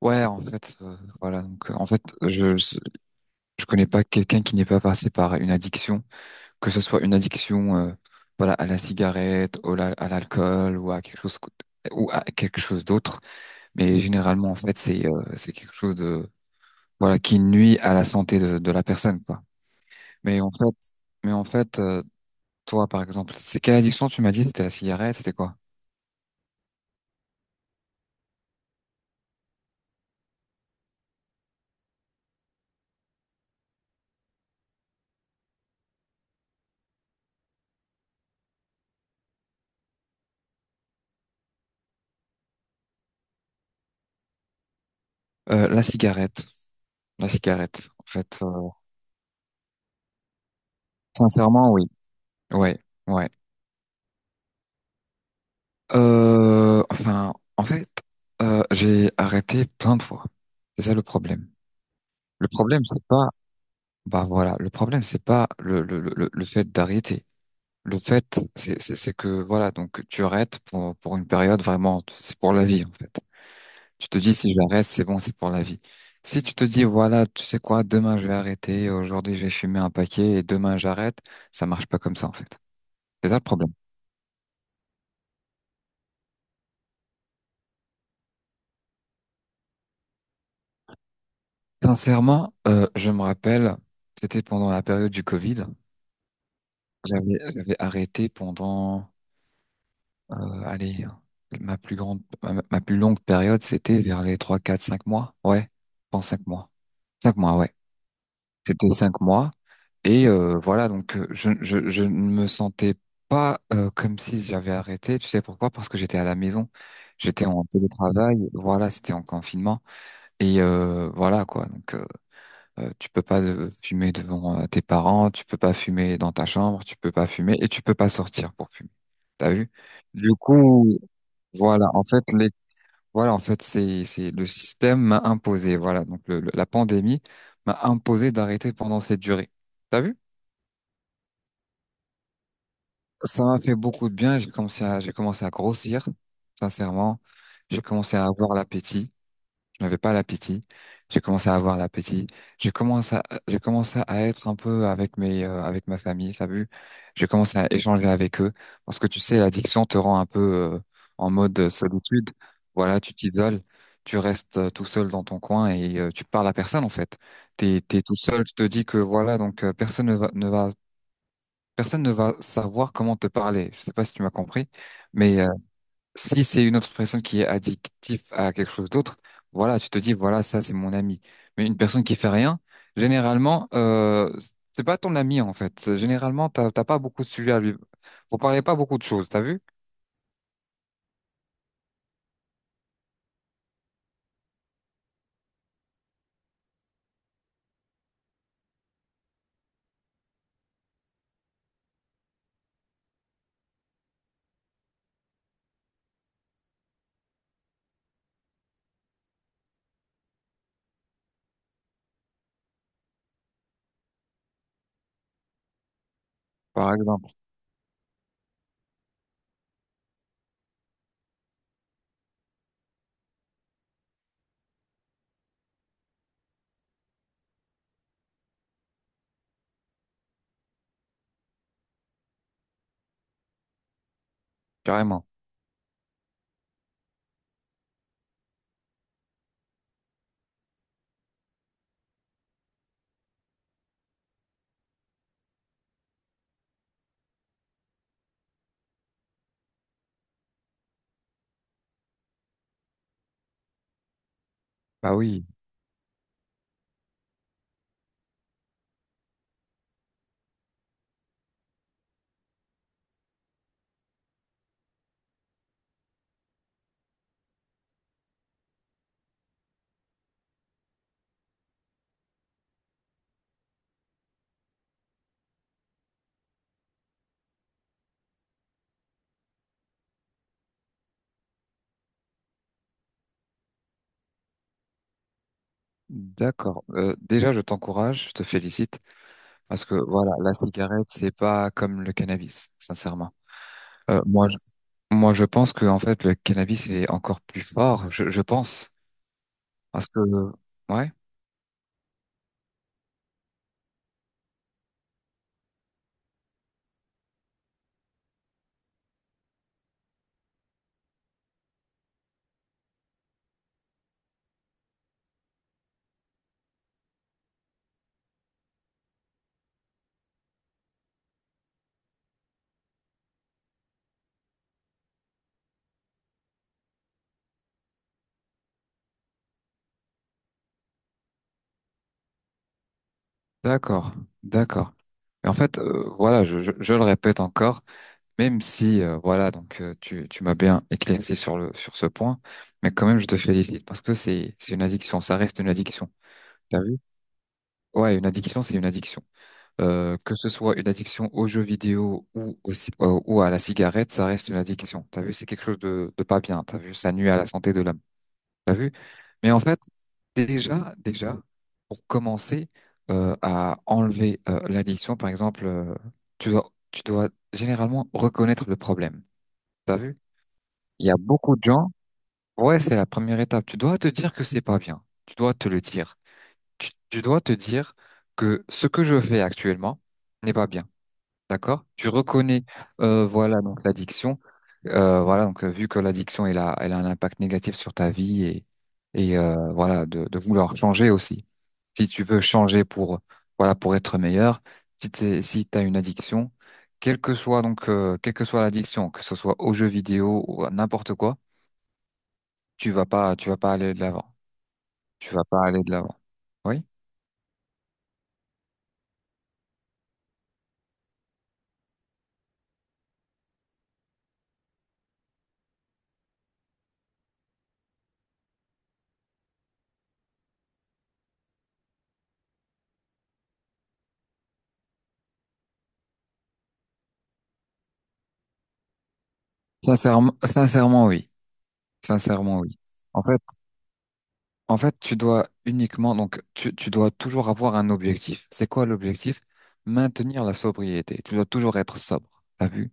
Ouais, en fait, voilà. Donc, en fait, je connais pas quelqu'un qui n'est pas passé par une addiction, que ce soit une addiction, voilà, à la cigarette, à l'alcool ou à ou à quelque chose d'autre. Mais généralement, en fait, c'est quelque chose de voilà qui nuit à la santé de la personne, quoi. Mais en fait, mais en fait, toi, par exemple, c'est quelle addiction tu m'as dit? C'était la cigarette, c'était quoi? La cigarette. La cigarette, en fait. Sincèrement, oui. Ouais, ouais. Enfin, en fait, j'ai arrêté plein de fois. C'est ça le problème. Le problème, c'est pas, Bah voilà, le problème, c'est pas le fait d'arrêter. Le fait, c'est- C'est que voilà, donc tu arrêtes pour une période vraiment, c'est pour la vie en fait. Tu te dis si j'arrête, c'est bon, c'est pour la vie. Si tu te dis voilà, tu sais quoi, demain je vais arrêter, aujourd'hui je vais fumer un paquet et demain j'arrête, ça marche pas comme ça en fait. C'est ça le problème. Sincèrement, je me rappelle, c'était pendant la période du Covid. J'avais arrêté pendant, euh, allez, ma plus longue période, c'était vers les 3, 4, 5 mois. Ouais, pendant 5 mois. 5 mois, ouais. C'était 5 mois. Et voilà, donc je ne me sentais pas comme si j'avais arrêté. Tu sais pourquoi? Parce que j'étais à la maison, j'étais en télétravail. Voilà, c'était en confinement. Et voilà quoi. Tu peux pas fumer devant tes parents, tu peux pas fumer dans ta chambre, tu peux pas fumer et tu peux pas sortir pour fumer. T'as vu? Du coup, voilà. En fait, les Voilà, en fait, c'est le système m'a imposé. Voilà, donc la pandémie m'a imposé d'arrêter pendant cette durée. T'as vu? Ça m'a fait beaucoup de bien. J'ai commencé à grossir, sincèrement. J'ai commencé à avoir l'appétit. Je n'avais pas l'appétit. J'ai commencé à avoir l'appétit. J'ai commencé à, j'ai commencé à être un peu avec avec ma famille, t'as vu? J'ai commencé à échanger avec eux. Parce que tu sais, l'addiction te rend un peu, euh, en mode solitude. Voilà, tu t'isoles. Tu restes tout seul dans ton coin et tu parles à personne, en fait. T'es tout seul. Tu te dis que voilà, donc, personne ne va personne ne va savoir comment te parler. Je sais pas si tu m'as compris, mais si c'est une autre personne qui est addictive à quelque chose d'autre, voilà, tu te dis, voilà, ça, c'est mon ami. Mais une personne qui fait rien, généralement, c'est pas ton ami, en fait. Généralement, t'as pas beaucoup de sujets à lui. Vous parlez pas beaucoup de choses, t'as vu? Par exemple, carrément. Bah oui, d'accord. Déjà, je t'encourage, je te félicite, parce que voilà, la cigarette, c'est pas comme le cannabis, sincèrement. Euh, moi, Moi, je pense que en fait, le cannabis est encore plus fort. Je pense parce que ouais, d'accord, d'accord. Et en fait, voilà, je le répète encore, même si voilà, donc tu m'as bien éclairci sur le sur ce point, mais quand même, je te félicite parce que c'est une addiction, ça reste une addiction. T'as vu? Ouais, une addiction, c'est une addiction. Que ce soit une addiction aux jeux vidéo ou ou à la cigarette, ça reste une addiction. T'as vu? C'est quelque chose de pas bien. T'as vu? Ça nuit à la santé de l'homme. T'as vu? Mais en fait déjà, pour commencer à enlever l'addiction, par exemple, tu dois généralement reconnaître le problème. T'as vu? Il y a beaucoup de gens. Ouais, c'est la première étape. Tu dois te dire que c'est pas bien. Tu dois te le dire. Tu dois te dire que ce que je fais actuellement n'est pas bien. D'accord? Tu reconnais, voilà, donc l'addiction. Voilà, donc vu que l'addiction elle a un impact négatif sur ta vie et voilà de vouloir changer aussi. Si tu veux changer pour voilà pour être meilleur, si t'as une addiction, quelle que soit donc quelle que soit l'addiction, que ce soit aux jeux vidéo ou à n'importe quoi, tu vas pas aller de l'avant. Tu vas pas aller de l'avant. Oui? Sincèrement, sincèrement oui. Sincèrement oui. En fait En fait, tu dois uniquement, donc, tu dois toujours avoir un objectif. C'est quoi l'objectif? Maintenir la sobriété. Tu dois toujours être sobre. T'as vu?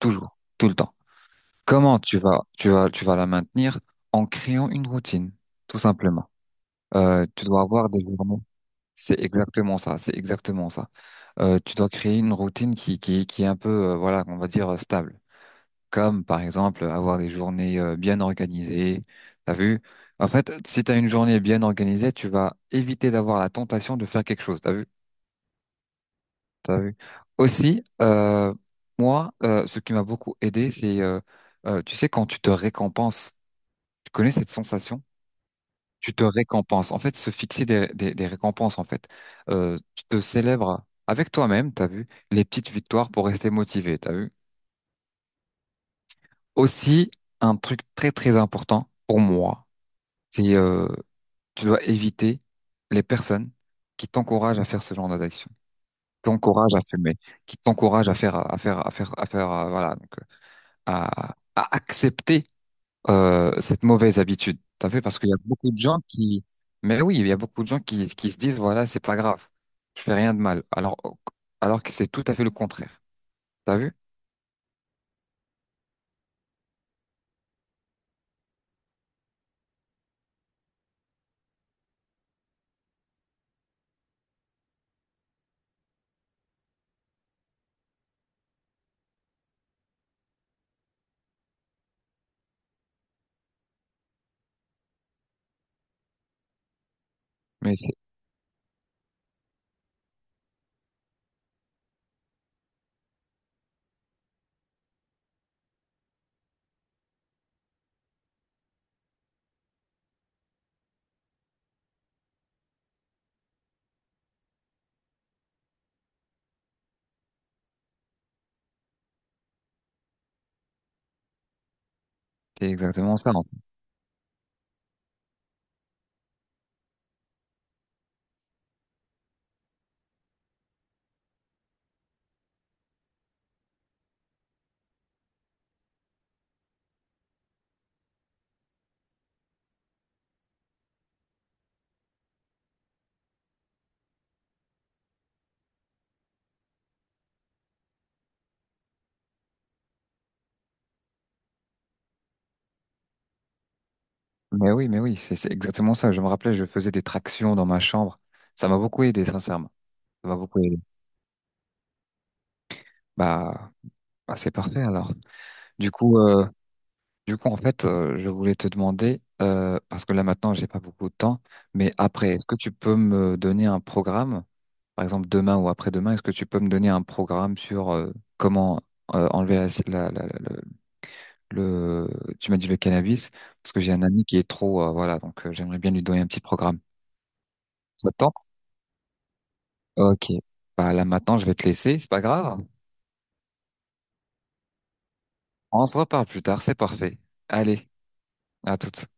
Toujours, tout le temps. Comment tu vas, tu vas, tu vas la maintenir? En créant une routine, tout simplement. Tu dois avoir des journées. C'est exactement ça. C'est exactement ça. Tu dois créer une routine qui est un peu, voilà, on va dire stable comme par exemple avoir des journées bien organisées. T'as vu? En fait, si t'as une journée bien organisée, tu vas éviter d'avoir la tentation de faire quelque chose. T'as vu? T'as vu? Aussi, ce qui m'a beaucoup aidé, tu sais, quand tu te récompenses, tu connais cette sensation? Tu te récompenses. En fait, se fixer des récompenses, en fait. Tu te célèbres avec toi-même, t'as vu? Les petites victoires pour rester motivé, t'as vu? Aussi, un truc très très important pour moi. C'est tu dois éviter les personnes qui t'encouragent à faire ce genre d'action, t'encouragent à fumer, qui t'encouragent à faire voilà donc à accepter cette mauvaise habitude. T'as vu parce qu'il y a beaucoup de gens qui il y a beaucoup de gens qui se disent voilà c'est pas grave je fais rien de mal alors que c'est tout à fait le contraire. T'as vu? Mais c'est c'est exactement ça en fait. Mais oui, c'est exactement ça. Je me rappelais je faisais des tractions dans ma chambre. Ça m'a beaucoup aidé sincèrement. Ça m'a beaucoup aidé. Bah, bah, c'est parfait alors. Du coup, euh, du coup, en fait, je voulais te demander, parce que là maintenant, j'ai pas beaucoup de temps, mais après, est-ce que tu peux me donner un programme, par exemple demain ou après-demain, est-ce que tu peux me donner un programme sur comment enlever tu m'as dit le cannabis, parce que j'ai un ami qui est trop, voilà, donc j'aimerais bien lui donner un petit programme. Ça te tente? Ok. Bah là maintenant, je vais te laisser, c'est pas grave. On se reparle plus tard, c'est parfait. Allez, à toutes.